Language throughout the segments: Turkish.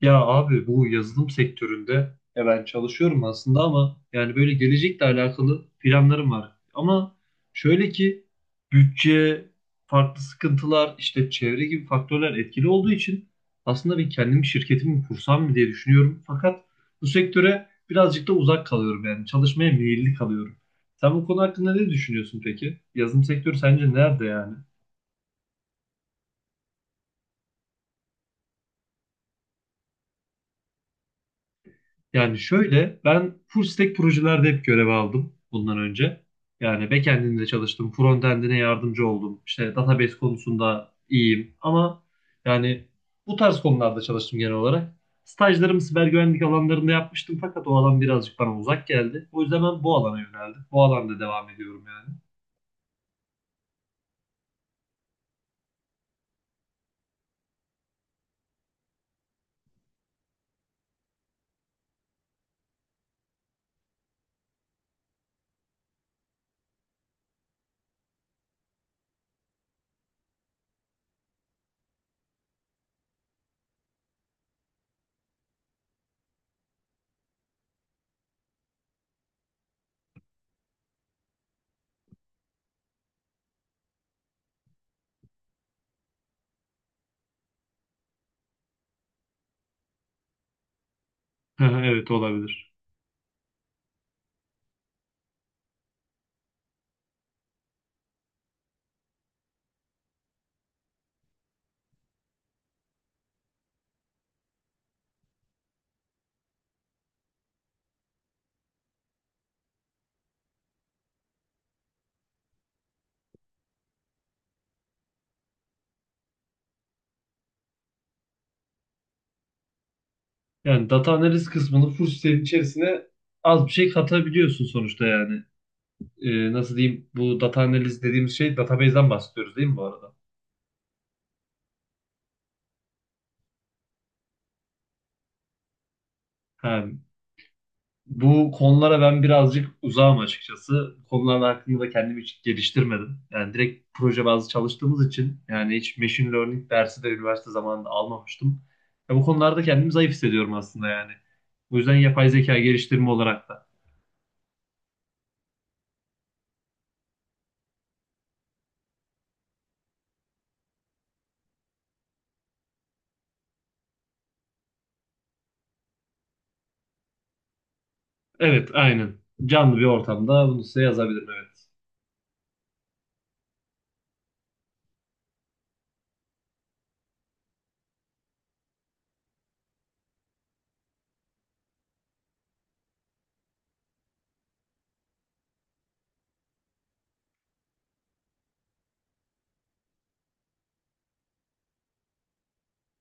Ya abi bu yazılım sektöründe ya ben çalışıyorum aslında ama yani böyle gelecekle alakalı planlarım var. Ama şöyle ki bütçe, farklı sıkıntılar, işte çevre gibi faktörler etkili olduğu için aslında ben kendimi şirketimi kursam mı diye düşünüyorum. Fakat bu sektöre birazcık da uzak kalıyorum yani çalışmaya meyilli kalıyorum. Sen bu konu hakkında ne düşünüyorsun peki? Yazılım sektörü sence nerede yani? Yani şöyle ben full stack projelerde hep görev aldım bundan önce. Yani backend'inde çalıştım, frontend'ine yardımcı oldum. İşte database konusunda iyiyim ama yani bu tarz konularda çalıştım genel olarak. Stajlarımı siber güvenlik alanlarında yapmıştım fakat o alan birazcık bana uzak geldi. O yüzden ben bu alana yöneldim. Bu alanda devam ediyorum yani. Evet olabilir. Yani data analiz kısmını full stack'in içerisine az bir şey katabiliyorsun sonuçta yani. Nasıl diyeyim, bu data analiz dediğimiz şey database'den bahsediyoruz değil mi bu arada? Ha, bu konulara ben birazcık uzağım açıkçası. Bu konular hakkında da kendimi hiç geliştirmedim. Yani direkt proje bazlı çalıştığımız için yani hiç machine learning dersi de üniversite zamanında almamıştım. Ya bu konularda kendimi zayıf hissediyorum aslında yani. Bu yüzden yapay zeka geliştirme olarak da. Evet, aynen. Canlı bir ortamda bunu size yazabilirim, evet.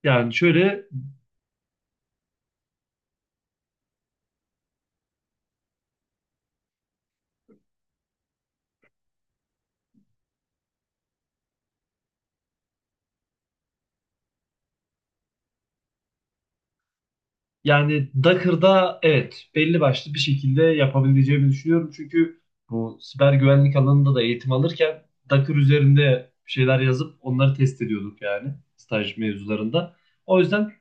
Yani şöyle Yani Docker'da evet belli başlı bir şekilde yapabileceğimi düşünüyorum. Çünkü bu siber güvenlik alanında da eğitim alırken Docker üzerinde bir şeyler yazıp onları test ediyorduk yani staj mevzularında. O yüzden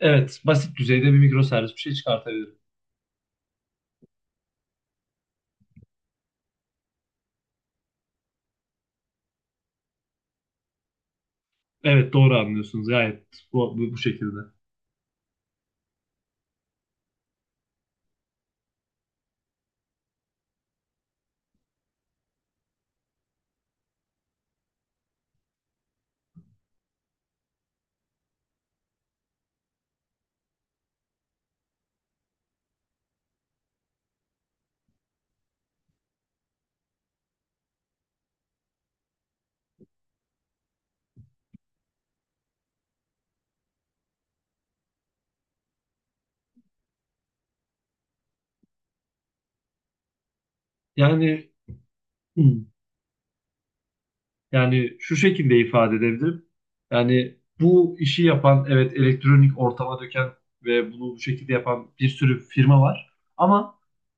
evet, basit düzeyde bir mikroservis bir şey çıkartabilirim. Evet, doğru anlıyorsunuz gayet bu şekilde. Yani Yani şu şekilde ifade edebilirim. Yani bu işi yapan, evet elektronik ortama döken ve bunu bu şekilde yapan bir sürü firma var. Ama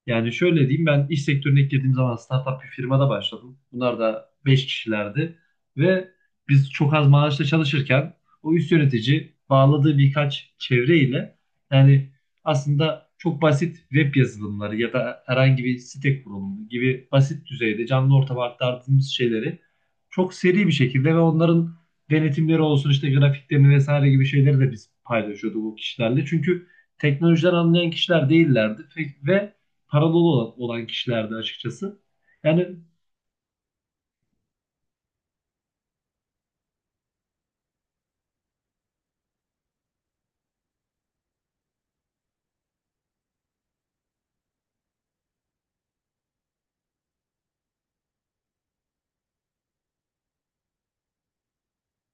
yani şöyle diyeyim, ben iş sektörüne ilk girdiğim zaman startup bir firmada başladım. Bunlar da 5 kişilerdi. Ve biz çok az maaşla çalışırken o üst yönetici bağladığı birkaç çevre ile yani aslında çok basit web yazılımları ya da herhangi bir site kurulumu gibi basit düzeyde canlı ortama aktardığımız şeyleri çok seri bir şekilde ve onların denetimleri olsun, işte grafiklerini vesaire gibi şeyleri de biz paylaşıyorduk o kişilerle. Çünkü teknolojiden anlayan kişiler değillerdi ve paralı olan kişilerdi açıkçası. Yani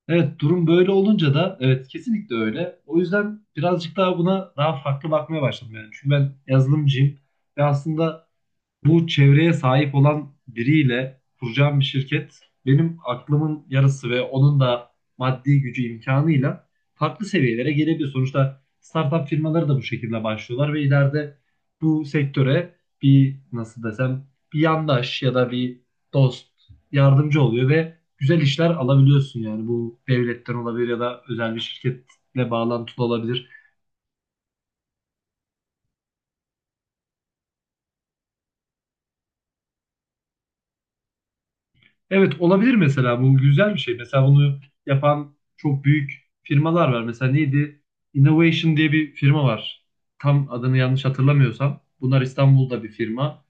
evet, durum böyle olunca da evet kesinlikle öyle. O yüzden birazcık daha buna daha farklı bakmaya başladım yani. Çünkü ben yazılımcıyım ve aslında bu çevreye sahip olan biriyle kuracağım bir şirket benim aklımın yarısı ve onun da maddi gücü imkanıyla farklı seviyelere gelebilir. Sonuçta startup firmaları da bu şekilde başlıyorlar ve ileride bu sektöre bir nasıl desem bir yandaş ya da bir dost yardımcı oluyor ve güzel işler alabiliyorsun yani, bu devletten olabilir ya da özel bir şirketle bağlantılı olabilir. Evet, olabilir mesela, bu güzel bir şey. Mesela bunu yapan çok büyük firmalar var. Mesela neydi? Innovation diye bir firma var. Tam adını yanlış hatırlamıyorsam. Bunlar İstanbul'da bir firma.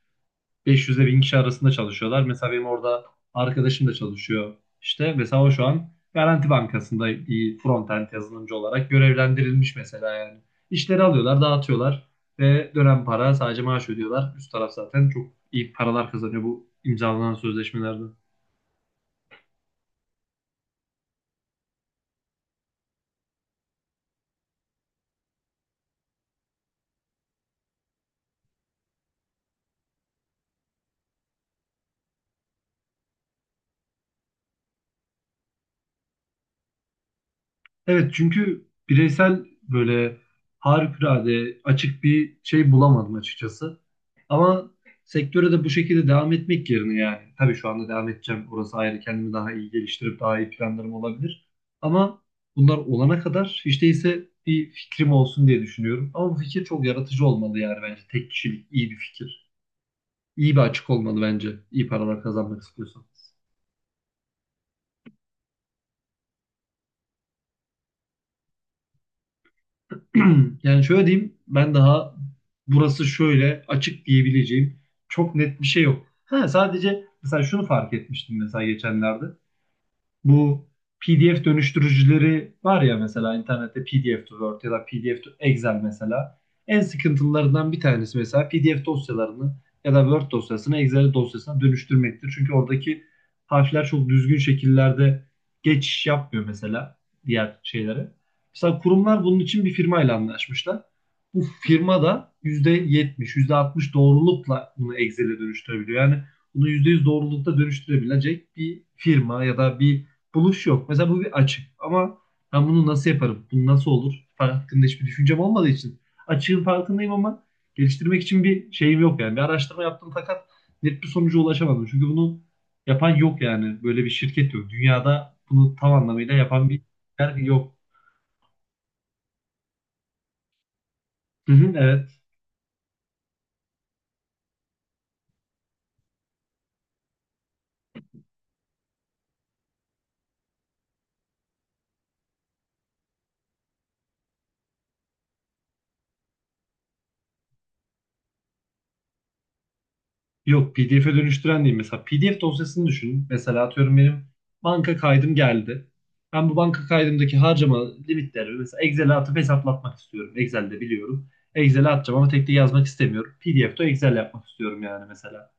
500'e 1000 kişi arasında çalışıyorlar. Mesela benim orada arkadaşım da çalışıyor. İşte mesela o şu an Garanti Bankası'nda bir frontend yazılımcı olarak görevlendirilmiş mesela yani. İşleri alıyorlar, dağıtıyorlar ve dönen para sadece maaş ödüyorlar. Üst taraf zaten çok iyi paralar kazanıyor bu imzalanan sözleşmelerde. Evet, çünkü bireysel böyle harikulade açık bir şey bulamadım açıkçası. Ama sektöre de bu şekilde devam etmek yerine yani. Tabii şu anda devam edeceğim. Orası ayrı. Kendimi daha iyi geliştirip daha iyi planlarım olabilir. Ama bunlar olana kadar hiç değilse bir fikrim olsun diye düşünüyorum. Ama bu fikir çok yaratıcı olmalı yani, bence. Tek kişilik iyi bir fikir. İyi bir açık olmalı bence. İyi paralar kazanmak istiyorsan. Yani şöyle diyeyim, ben daha burası şöyle açık diyebileceğim çok net bir şey yok. Ha, sadece mesela şunu fark etmiştim mesela geçenlerde. Bu PDF dönüştürücüleri var ya, mesela internette PDF to Word ya da PDF to Excel mesela. En sıkıntılarından bir tanesi mesela PDF dosyalarını ya da Word dosyasını Excel dosyasına dönüştürmektir. Çünkü oradaki harfler çok düzgün şekillerde geçiş yapmıyor mesela diğer şeylere. Mesela kurumlar bunun için bir firmayla anlaşmışlar. Bu firma da yüzde yetmiş, yüzde altmış doğrulukla bunu Excel'e dönüştürebiliyor. Yani bunu %100 doğrulukta dönüştürebilecek bir firma ya da bir buluş yok. Mesela bu bir açık ama ben bunu nasıl yaparım? Bu nasıl olur? Hakkında hiçbir düşüncem olmadığı için. Açığın farkındayım ama geliştirmek için bir şeyim yok yani. Bir araştırma yaptım fakat net bir sonuca ulaşamadım. Çünkü bunu yapan yok yani. Böyle bir şirket yok. Dünyada bunu tam anlamıyla yapan bir yer yok. Hı hı, evet. Yok, PDF'e dönüştüren değil. Mesela PDF dosyasını düşünün. Mesela atıyorum, benim banka kaydım geldi. Ben bu banka kaydımdaki harcama limitlerimi mesela Excel'e atıp hesaplatmak istiyorum. Excel'de biliyorum. Excel'e atacağım ama tek tek yazmak istemiyorum. PDF'de Excel yapmak istiyorum yani, mesela.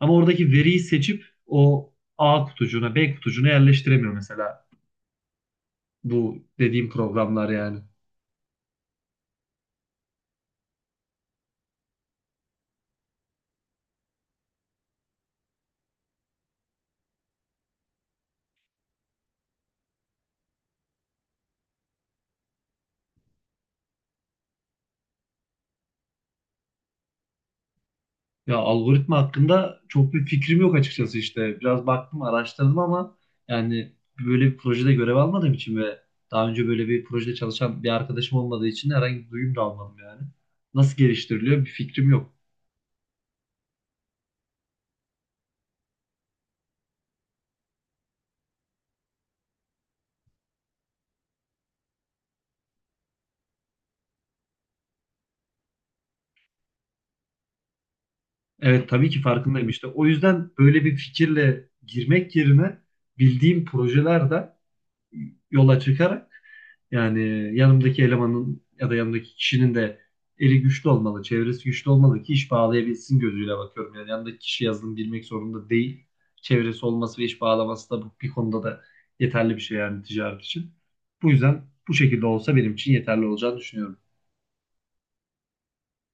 Ama oradaki veriyi seçip o A kutucuğuna, B kutucuğuna yerleştiremiyor mesela bu dediğim programlar yani. Ya algoritma hakkında çok bir fikrim yok açıkçası işte. Biraz baktım, araştırdım ama yani böyle bir projede görev almadığım için ve daha önce böyle bir projede çalışan bir arkadaşım olmadığı için herhangi bir duyum da almadım yani. Nasıl geliştiriliyor bir fikrim yok. Evet, tabii ki farkındayım işte. O yüzden böyle bir fikirle girmek yerine bildiğim projelerde yola çıkarak. Yani yanımdaki elemanın ya da yanımdaki kişinin de eli güçlü olmalı, çevresi güçlü olmalı ki iş bağlayabilsin gözüyle bakıyorum. Yani yanındaki kişi yazılım bilmek zorunda değil. Çevresi olması ve iş bağlaması da bu- bir konuda da yeterli bir şey yani, ticaret için. Bu yüzden bu şekilde olsa benim için yeterli olacağını düşünüyorum.